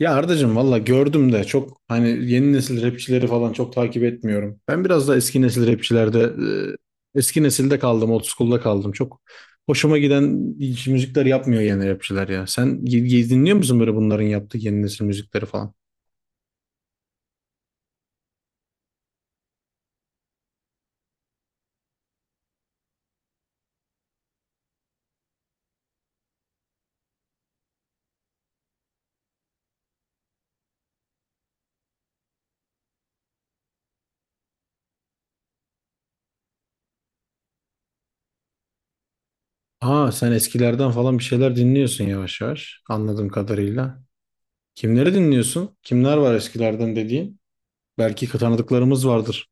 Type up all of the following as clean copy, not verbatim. Ya Ardacığım valla gördüm de çok hani yeni nesil rapçileri falan çok takip etmiyorum. Ben biraz da eski nesil rapçilerde eski nesilde kaldım, old school'da kaldım. Çok hoşuma giden hiç müzikler yapmıyor yeni rapçiler ya. Sen dinliyor musun böyle bunların yaptığı yeni nesil müzikleri falan? Aa, sen eskilerden falan bir şeyler dinliyorsun yavaş yavaş anladığım kadarıyla. Kimleri dinliyorsun? Kimler var eskilerden dediğin? Belki tanıdıklarımız vardır.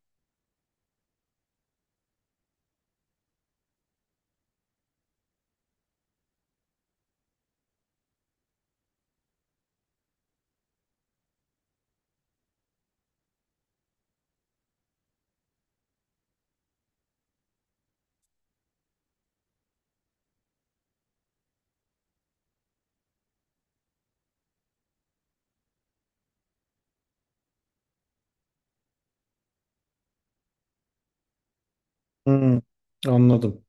Hmm, anladım.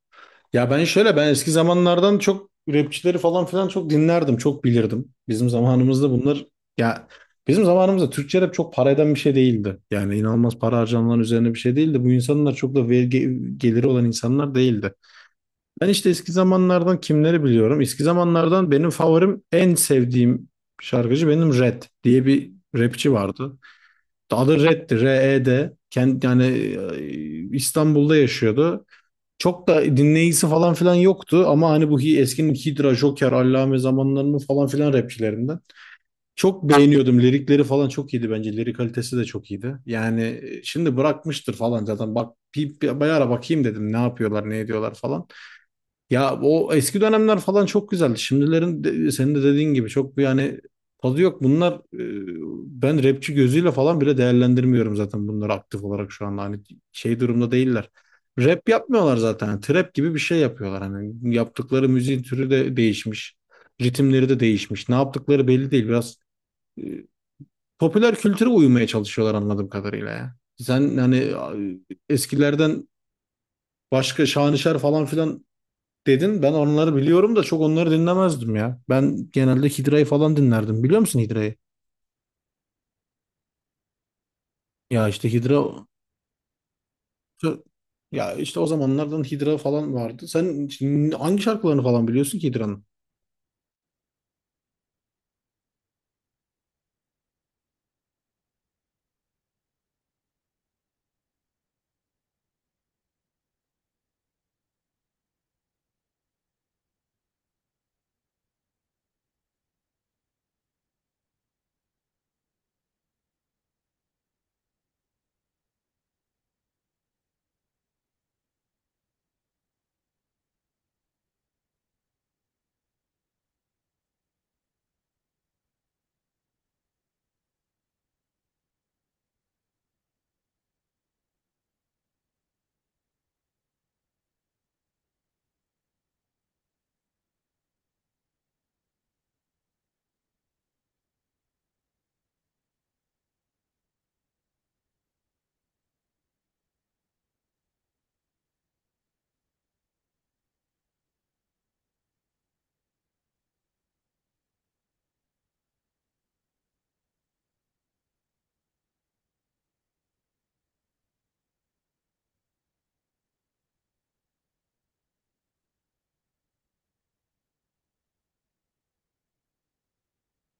Ya ben şöyle, ben eski zamanlardan çok rapçileri falan filan çok dinlerdim, çok bilirdim. Ya Bizim zamanımızda Türkçe rap çok para eden bir şey değildi. Yani inanılmaz para harcanılan üzerine bir şey değildi. Bu insanlar çok da vergi geliri olan insanlar değildi. Ben işte eski zamanlardan kimleri biliyorum? Eski zamanlardan benim favorim, en sevdiğim şarkıcı benim Red diye bir rapçi vardı. Adı Red'di, R-E-D. Kendi, yani İstanbul'da yaşıyordu. Çok da dinleyicisi falan filan yoktu ama hani bu eskinin Hydra, Joker, Allame zamanlarının falan filan rapçilerinden. Çok beğeniyordum. Lirikleri falan çok iyiydi bence. Lirik kalitesi de çok iyiydi. Yani şimdi bırakmıştır falan zaten. Bak bir ara bakayım dedim ne yapıyorlar, ne ediyorlar falan. Ya o eski dönemler falan çok güzeldi. Şimdilerin senin de dediğin gibi çok bir, yani, tadı yok. Bunlar ben rapçi gözüyle falan bile değerlendirmiyorum zaten bunları, aktif olarak şu anda hani şey durumda değiller. Rap yapmıyorlar zaten. Yani trap gibi bir şey yapıyorlar. Hani yaptıkları müziğin türü de değişmiş. Ritimleri de değişmiş. Ne yaptıkları belli değil. Biraz e, popüler kültüre uymaya çalışıyorlar anladığım kadarıyla ya. Sen hani eskilerden başka şanışer falan filan dedin. Ben onları biliyorum da çok onları dinlemezdim ya. Ben genelde Hidra'yı falan dinlerdim. Biliyor musun Hidra'yı? Ya işte Hidra ya işte o zamanlardan Hidra falan vardı. Sen şimdi hangi şarkılarını falan biliyorsun ki Hidra'nın?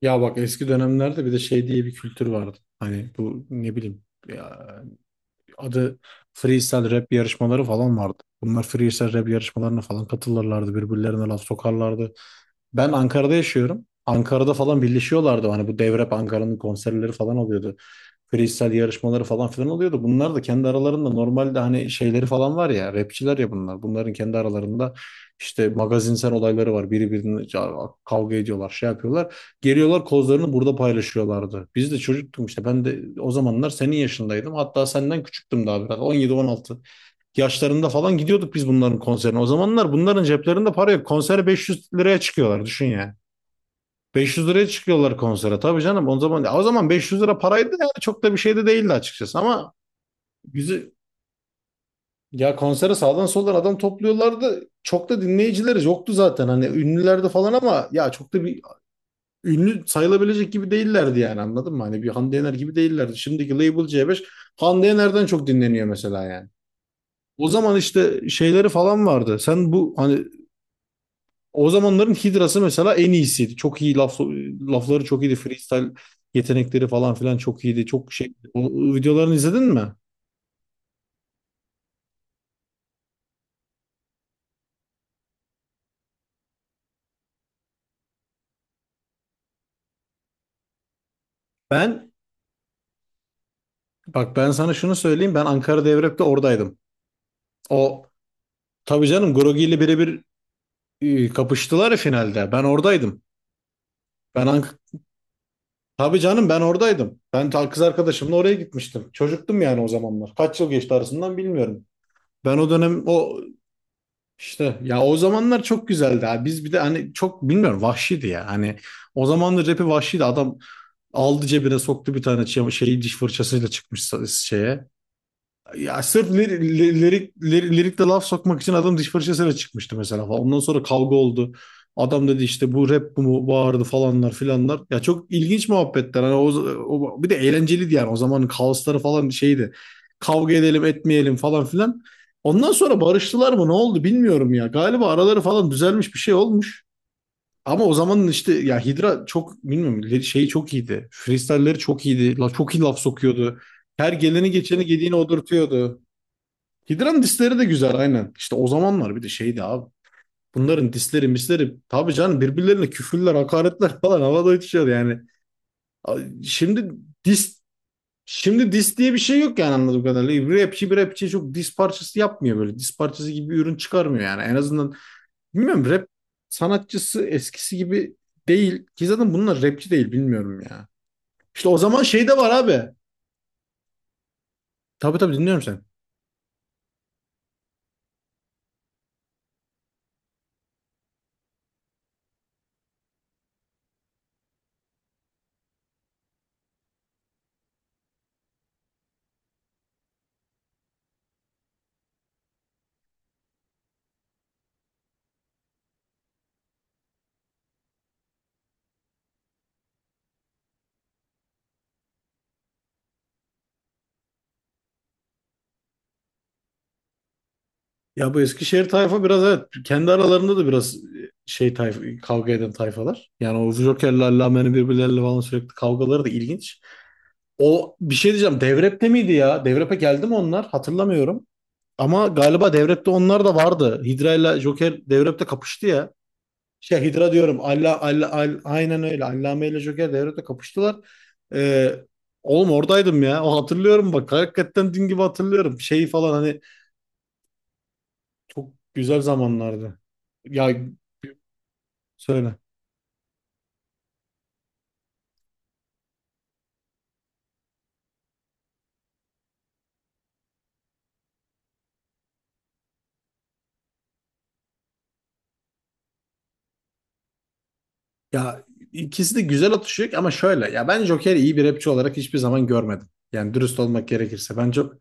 Ya bak, eski dönemlerde bir de şey diye bir kültür vardı. Hani bu ne bileyim ya, adı freestyle rap yarışmaları falan vardı. Bunlar freestyle rap yarışmalarına falan katılırlardı. Birbirlerine laf sokarlardı. Ben Ankara'da yaşıyorum. Ankara'da falan birleşiyorlardı. Hani bu Devrep Ankara'nın konserleri falan oluyordu. Freestyle yarışmaları falan filan oluyordu. Bunlar da kendi aralarında normalde hani şeyleri falan var ya. Rapçiler ya bunlar. Bunların kendi aralarında işte magazinsel olayları var. Biri birine kavga ediyorlar, şey yapıyorlar. Geliyorlar kozlarını burada paylaşıyorlardı. Biz de çocuktum işte. Ben de o zamanlar senin yaşındaydım. Hatta senden küçüktüm daha biraz. 17-16 yaşlarında falan gidiyorduk biz bunların konserine. O zamanlar bunların ceplerinde para yok. Konsere 500 liraya çıkıyorlar düşün yani. 500 liraya çıkıyorlar konsere. Tabii canım, o zaman o zaman 500 lira paraydı, yani çok da bir şey de değildi açıkçası ama bizi ya konsere sağdan soldan adam topluyorlardı. Çok da dinleyicileri yoktu zaten. Hani ünlülerdi falan ama ya çok da bir ünlü sayılabilecek gibi değillerdi yani, anladın mı? Hani bir Hande Yener gibi değillerdi. Şimdiki Label C5 Hande Yener'den çok dinleniyor mesela yani. O zaman işte şeyleri falan vardı. Sen bu hani O zamanların Hidra'sı mesela en iyisiydi. Çok iyi lafları çok iyiydi. Freestyle yetenekleri falan filan çok iyiydi. Çok şey. O videolarını izledin mi? Ben Bak, ben sana şunu söyleyeyim. Ben Ankara Devrep'te oradaydım. O tabii canım, Grogi ile birebir kapıştılar ya finalde. Ben oradaydım. Ben Ank Tabii canım, ben oradaydım. Ben kız arkadaşımla oraya gitmiştim. Çocuktum yani o zamanlar. Kaç yıl geçti arasından bilmiyorum. Ben o dönem o İşte ya, o zamanlar çok güzeldi abi. Biz bir de hani, çok bilmiyorum, vahşiydi ya. Hani o zamanlar rapi vahşiydi. Adam aldı, cebine soktu bir tane şey, diş fırçasıyla çıkmış şeye. Ya sırf lirikte laf sokmak için adam diş fırçasıyla çıkmıştı mesela falan. Ondan sonra kavga oldu. Adam dedi işte bu rap bu mu, bağırdı falanlar filanlar. Ya çok ilginç muhabbetler. Hani o, bir de eğlenceliydi yani. O zamanın kaosları falan şeydi. Kavga edelim etmeyelim falan filan. Ondan sonra barıştılar mı ne oldu bilmiyorum ya. Galiba araları falan düzelmiş, bir şey olmuş. Ama o zamanın işte, ya Hidra, çok bilmiyorum, şeyi çok iyiydi. Freestyle'leri çok iyiydi. La, çok iyi laf sokuyordu. Her geleni geçeni gediğini odurtuyordu. Hidra'nın disleri de güzel, aynen. İşte o zamanlar bir de şeydi abi. Bunların disleri misleri tabii canım, birbirlerine küfürler, hakaretler falan havada uçuşuyordu yani. Şimdi dis Şimdi dis diye bir şey yok yani, anladığım kadarıyla. Bir rapçi çok dis parçası yapmıyor böyle. Dis parçası gibi bir ürün çıkarmıyor yani. En azından, bilmiyorum, rap sanatçısı eskisi gibi değil. Ki zaten bunlar rapçi değil, bilmiyorum ya. İşte o zaman şey de var abi. Tabii tabii, dinliyorum seni. Ya bu Eskişehir tayfa biraz evet, kendi aralarında da biraz şey tayfa, kavga eden tayfalar. Yani o Joker'le Allame'nin birbirleriyle falan sürekli kavgaları da ilginç. O, bir şey diyeceğim, Devrep'te miydi ya? Devrep'e geldi mi onlar? Hatırlamıyorum. Ama galiba Devrep'te onlar da vardı. Hidra ile Joker Devrep'te kapıştı ya. Şey Hidra diyorum. Allah Allah, aynen öyle. Allame ile Joker Devrep'te kapıştılar. Ee, oğlum, oradaydım ya. O, hatırlıyorum bak. Hakikaten dün gibi hatırlıyorum. Şeyi falan hani Çok güzel zamanlardı. Ya söyle. Ya ikisi de güzel atışıyor ama şöyle. Ya ben Joker'i iyi bir rapçi olarak hiçbir zaman görmedim. Yani dürüst olmak gerekirse. Ben çok,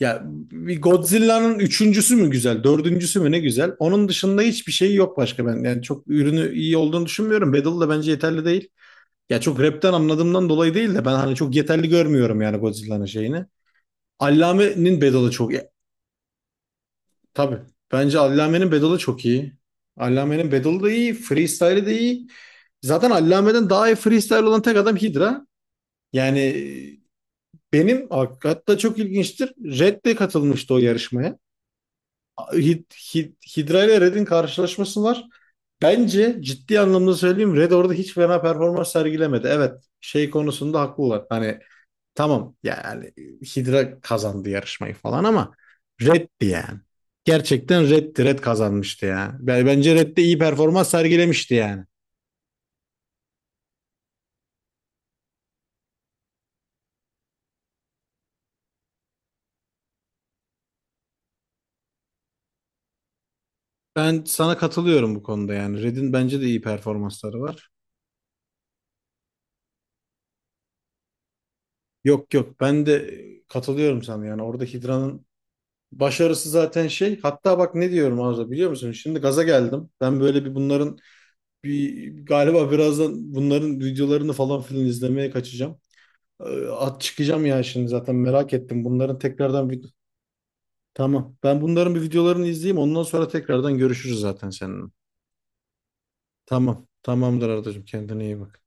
ya, bir Godzilla'nın üçüncüsü mü güzel, dördüncüsü mü ne güzel. Onun dışında hiçbir şey yok başka ben. Yani çok ürünü iyi olduğunu düşünmüyorum. Battle da bence yeterli değil. Ya çok rapten anladığımdan dolayı değil de ben hani çok yeterli görmüyorum yani Godzilla'nın şeyini. Allame'nin Battle'ı çok. Tabii. Bence Allame'nin Bedalı çok iyi. Allame'nin Bedalı da iyi. Freestyle'i de iyi. Zaten Allame'den daha iyi freestyle olan tek adam Hydra. Yani benim hatta çok ilginçtir. Red de katılmıştı o yarışmaya. Hydra ile Red'in karşılaşması var. Bence ciddi anlamda söyleyeyim, Red orada hiç fena performans sergilemedi. Evet, şey konusunda haklılar. Hani, tamam yani, Hydra kazandı yarışmayı falan ama Red'di yani. Gerçekten Red'di. Red kazanmıştı ya. Bence Red de iyi performans sergilemişti yani. Ben sana katılıyorum bu konuda yani. Red'in bence de iyi performansları var. Yok yok, ben de katılıyorum sana yani. Orada Hydra'nın başarısı zaten şey. Hatta bak ne diyorum Arda, biliyor musun? Şimdi gaza geldim. Ben böyle bir bunların bir galiba birazdan bunların videolarını falan filan izlemeye kaçacağım. At çıkacağım ya şimdi, zaten merak ettim. Bunların tekrardan Tamam. Ben bunların bir videolarını izleyeyim. Ondan sonra tekrardan görüşürüz zaten seninle. Tamam. Tamamdır Ardacığım. Kendine iyi bak.